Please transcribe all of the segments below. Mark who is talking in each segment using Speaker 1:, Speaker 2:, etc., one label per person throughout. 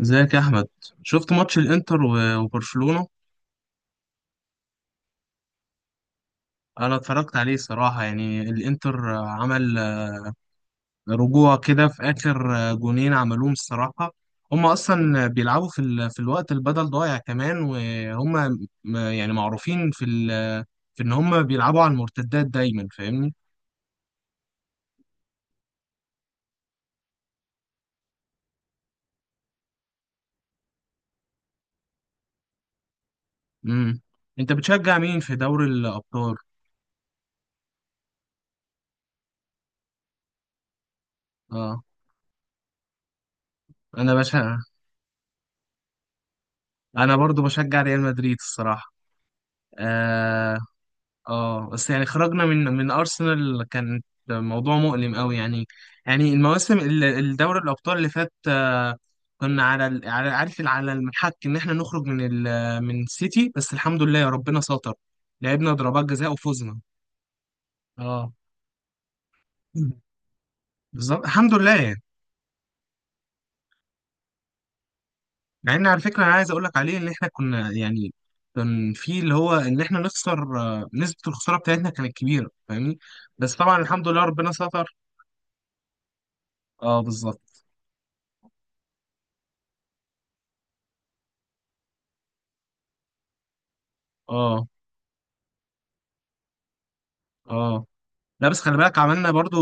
Speaker 1: ازيك يا احمد، شفت ماتش الانتر و- وبرشلونة. انا اتفرجت عليه صراحة، يعني الانتر عمل رجوع كده في اخر جونين عملوهم الصراحة. هم اصلا بيلعبوا في الوقت البدل ضايع كمان، وهم يعني معروفين في ان هم بيلعبوا على المرتدات دايما، فاهمني؟ امم انت بتشجع مين في دوري الابطال؟ اه. انا بشجع انا برضو بشجع ريال مدريد الصراحة. آه، اه بس يعني خرجنا من ارسنال، كان موضوع مؤلم قوي يعني. يعني المواسم الدوري الابطال اللي فات كنا على على المحك ان احنا نخرج من سيتي، بس الحمد لله يا ربنا ساتر. لعبنا ضربات جزاء وفوزنا. اه، بالظبط الحمد لله يعني. مع ان على فكره انا عايز اقول لك عليه ان احنا كنا، يعني كان في اللي هو ان احنا نخسر، نسبه الخساره بتاعتنا كانت كبيره، فاهمني؟ بس طبعا الحمد لله ربنا ستر. اه بالظبط. اه. اه. لا بس خلي بالك، عملنا برضو،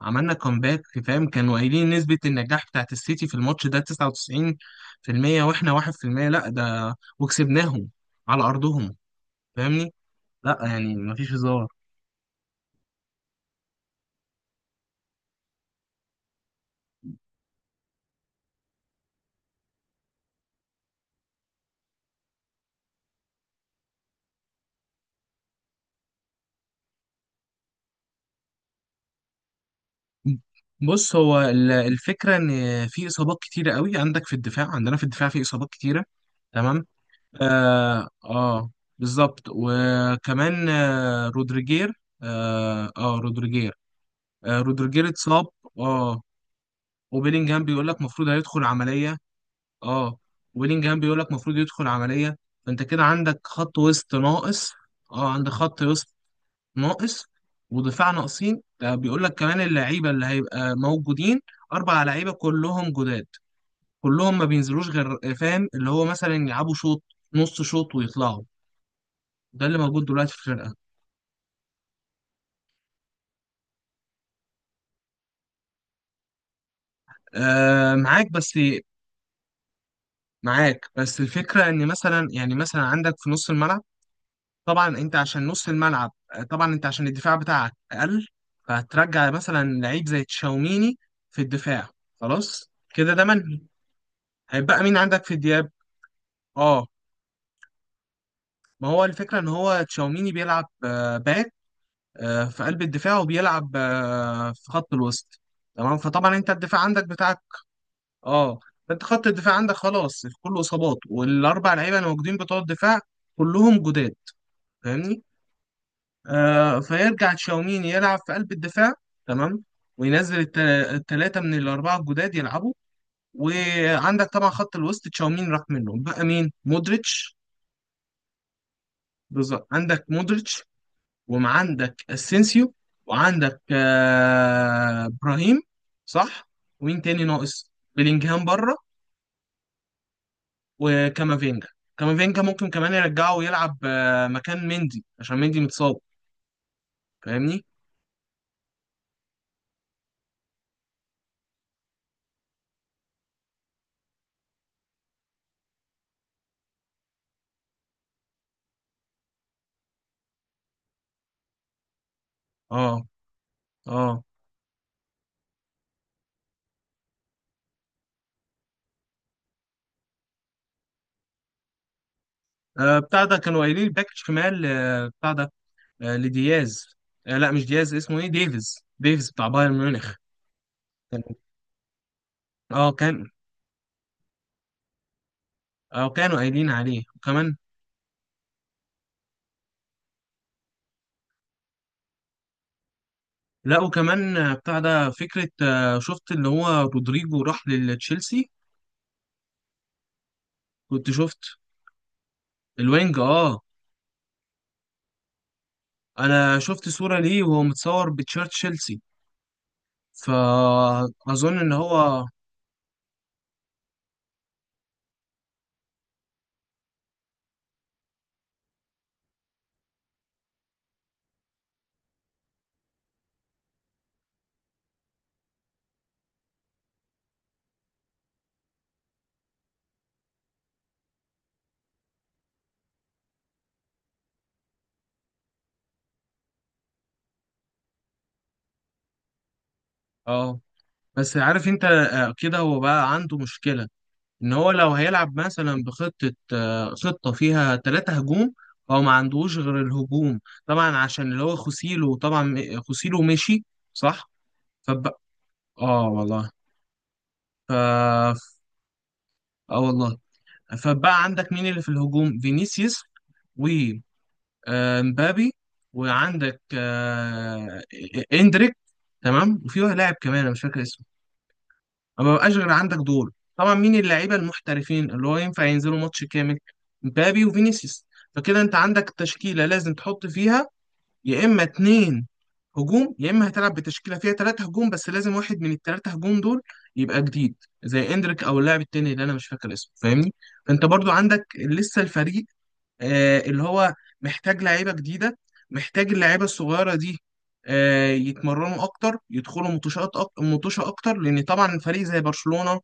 Speaker 1: عملنا كومباك فاهم؟ كانوا قايلين نسبة النجاح بتاعت السيتي في الماتش ده 99%، واحنا 1%، لا ده وكسبناهم على أرضهم. فاهمني؟ لا يعني مفيش هزار. بص، هو الفكرة إن في إصابات كتيرة قوي عندك في الدفاع، عندنا في الدفاع في إصابات كتيرة. تمام؟ آه, آه بالظبط. وكمان رودريجير. آه, آه رودريجير رودريجير اتصاب. اه، وبيلينجهام بيقول لك المفروض هيدخل عمليه. اه، وبيلينجهام بيقول لك المفروض يدخل عمليه. فانت كده عندك خط وسط ناقص. اه، عندك خط وسط ناقص ودفاع ناقصين. ده بيقول لك كمان اللعيبه اللي هيبقى موجودين، اربع لعيبه كلهم جداد، كلهم ما بينزلوش غير فاهم اللي هو مثلا يلعبوا شوط، نص شوط، ويطلعوا. ده اللي موجود دلوقتي في الفرقه. معاك، بس معاك بس الفكره ان مثلا، يعني مثلا عندك في نص الملعب. طبعا انت عشان نص الملعب طبعا انت عشان الدفاع بتاعك اقل، فهترجع مثلا لعيب زي تشاوميني في الدفاع. خلاص كده، ده منهي. هيبقى مين عندك في دياب؟ اه، ما هو الفكره ان هو تشاوميني بيلعب باك، في قلب الدفاع، وبيلعب في خط الوسط. تمام؟ فطبعا انت الدفاع عندك بتاعك، اه، فانت خط الدفاع عندك خلاص كله اصابات، والاربع لعيبه اللي موجودين بتوع الدفاع كلهم جداد، فاهمني؟ فيرجع تشاوميني يلعب في قلب الدفاع. تمام. وينزل الثلاثة من الأربعة الجداد يلعبوا. وعندك طبعا خط الوسط، تشاوميني راح منهم، بقى مين؟ مودريتش. بالظبط، عندك مودريتش، وعندك اسينسيو، وعندك إبراهيم. صح. ومين تاني ناقص؟ بيلينجهام بره، وكامافينجا. كامافينجا ممكن كمان يرجعه ويلعب مكان مندي، عشان مندي متصاب، فاهمني؟ اه. اه. بتاع ده كانوا قايلين الباك شمال، آه، بتاع ده آه، لدياز. لا مش دياز، اسمه ايه، ديفيز، ديفيز بتاع بايرن ميونخ. كان. اه كان. اه كانوا قايلين عليه، وكمان، لا وكمان بتاع ده فكرة، شفت اللي هو رودريجو راح لتشيلسي؟ كنت شفت. الوينج، اه. انا شفت صورة ليه وهو متصور بتشيرت تشيلسي، فأظن ان هو. اه، بس عارف انت كده هو بقى عنده مشكلة. ان هو لو هيلعب مثلا بخطة آه، خطة فيها ثلاثة هجوم، هو ما عندوش غير الهجوم، طبعا عشان اللي هو خوسيلو، طبعا خوسيلو مشي. صح. فبقى، اه والله. ف اه والله فبقى عندك مين اللي في الهجوم؟ فينيسيوس، ومبابي، وعندك اندريك. تمام. وفي واحد لاعب كمان انا مش فاكر اسمه. ما بقاش غير عندك دور، طبعا. مين اللعيبه المحترفين اللي هو ينفع ينزلوا ماتش كامل؟ مبابي وفينيسيوس. فكده انت عندك تشكيله لازم تحط فيها يا اما اتنين هجوم، يا اما هتلعب بتشكيله فيها تلاتة هجوم، بس لازم واحد من التلاتة هجوم دول يبقى جديد، زي اندريك او اللاعب التاني اللي انا مش فاكر اسمه، فاهمني؟ فانت برضو عندك لسه الفريق اللي هو محتاج لعيبه جديده. محتاج اللعيبه الصغيره دي يتمرنوا اكتر، يدخلوا متوشات، متوشه اكتر، لان طبعا فريق زي برشلونه.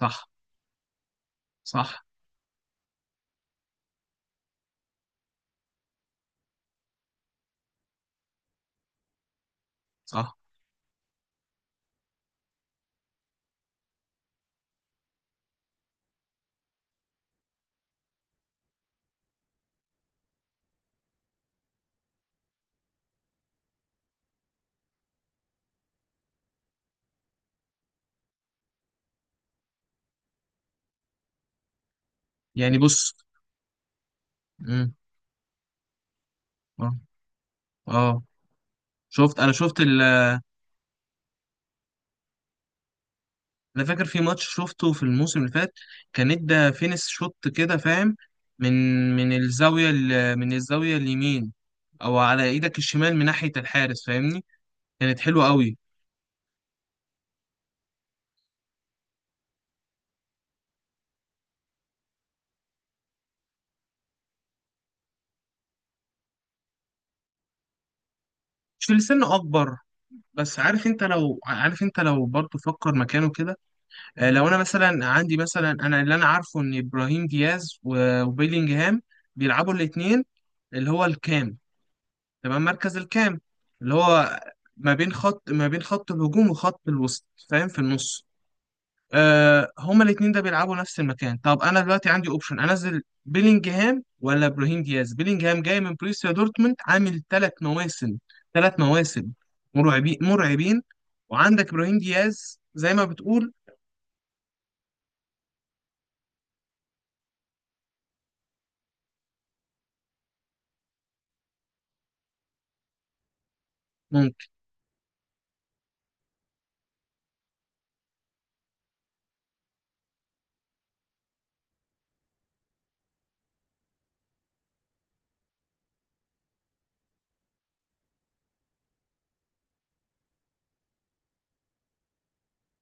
Speaker 1: صح. صح. صح. يعني بص. امم اه. اه. شفت. انا فاكر في ماتش شفته في الموسم اللي فات، كان ادى فينس شوت كده فاهم، من من الزاويه اليمين، او على ايدك الشمال من ناحيه الحارس، فاهمني؟ كانت حلوه قوي. مش في السن اكبر. بس عارف انت لو برضه فكر مكانه كده. لو انا مثلا عندي، مثلا انا اللي انا عارفه، ان ابراهيم دياز و- وبيلينجهام بيلعبوا الاثنين اللي هو الكام، تبقى المركز الكام، اللي هو ما بين خط الهجوم وخط الوسط، فاهم، في النص. هما الاتنين ده بيلعبوا نفس المكان. طب انا دلوقتي عندي اوبشن، انزل بيلينجهام ولا ابراهيم دياز؟ بيلينجهام جاي من بروسيا دورتموند، عامل 3 مواسم، 3 مواسم مرعبين، مرعبين. وعندك ابراهيم دياز زي ما بتقول. ممكن.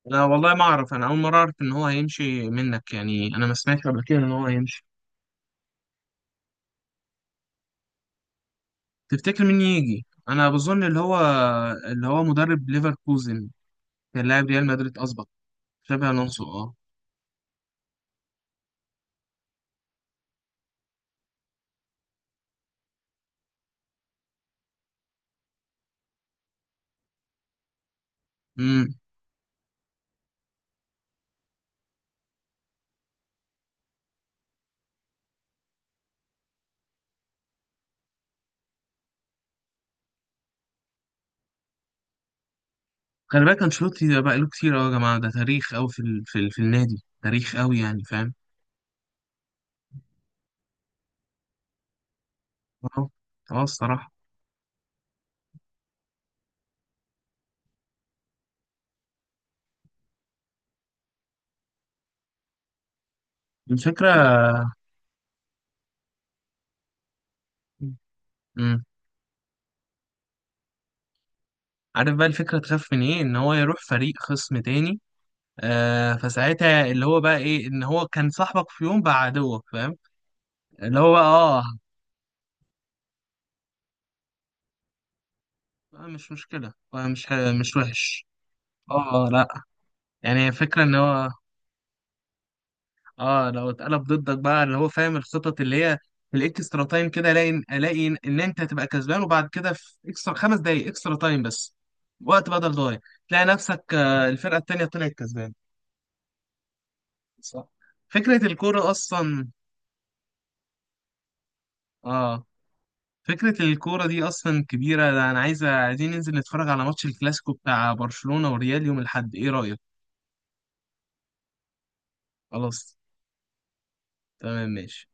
Speaker 1: انا والله ما اعرف، انا اول مره اعرف ان هو هيمشي منك، يعني انا ما سمعتش قبل كده ان هو هيمشي. تفتكر مين يجي؟ انا بظن اللي هو مدرب ليفركوزن، كان لاعب ريال مدريد اسبق، شابي الونسو. اه. امم خلي بالك انشيلوتي ده بقى له كتير قوي يا جماعه، ده تاريخ قوي في النادي، تاريخ قوي يعني، فاهم؟ اه. اه، الصراحه. الفكره امم عارف بقى، الفكره تخاف من ايه؟ ان هو يروح فريق خصم تاني، فساعتها اللي هو بقى ايه، ان هو كان صاحبك في يوم بقى عدوك، فاهم؟ اللي هو بقى، اه. مش مشكله. مش وحش. اه، لا. يعني الفكرة ان هو، اه، لو اتقلب ضدك بقى، اللي هو فاهم الخطط اللي هي في الاكسترا تايم كده، الاقي ان انت هتبقى كسبان، وبعد كده في اكسترا 5 دقايق، اكسترا تايم بس، وقت بدل ضايع، تلاقي نفسك الفرقة التانية طلعت كسبان. صح. فكرة الكورة اصلا اه فكرة الكورة دي اصلا كبيرة. ده انا عايزين ننزل نتفرج على ماتش الكلاسيكو بتاع برشلونة وريال يوم الاحد، ايه رأيك؟ خلاص. تمام. ماشي.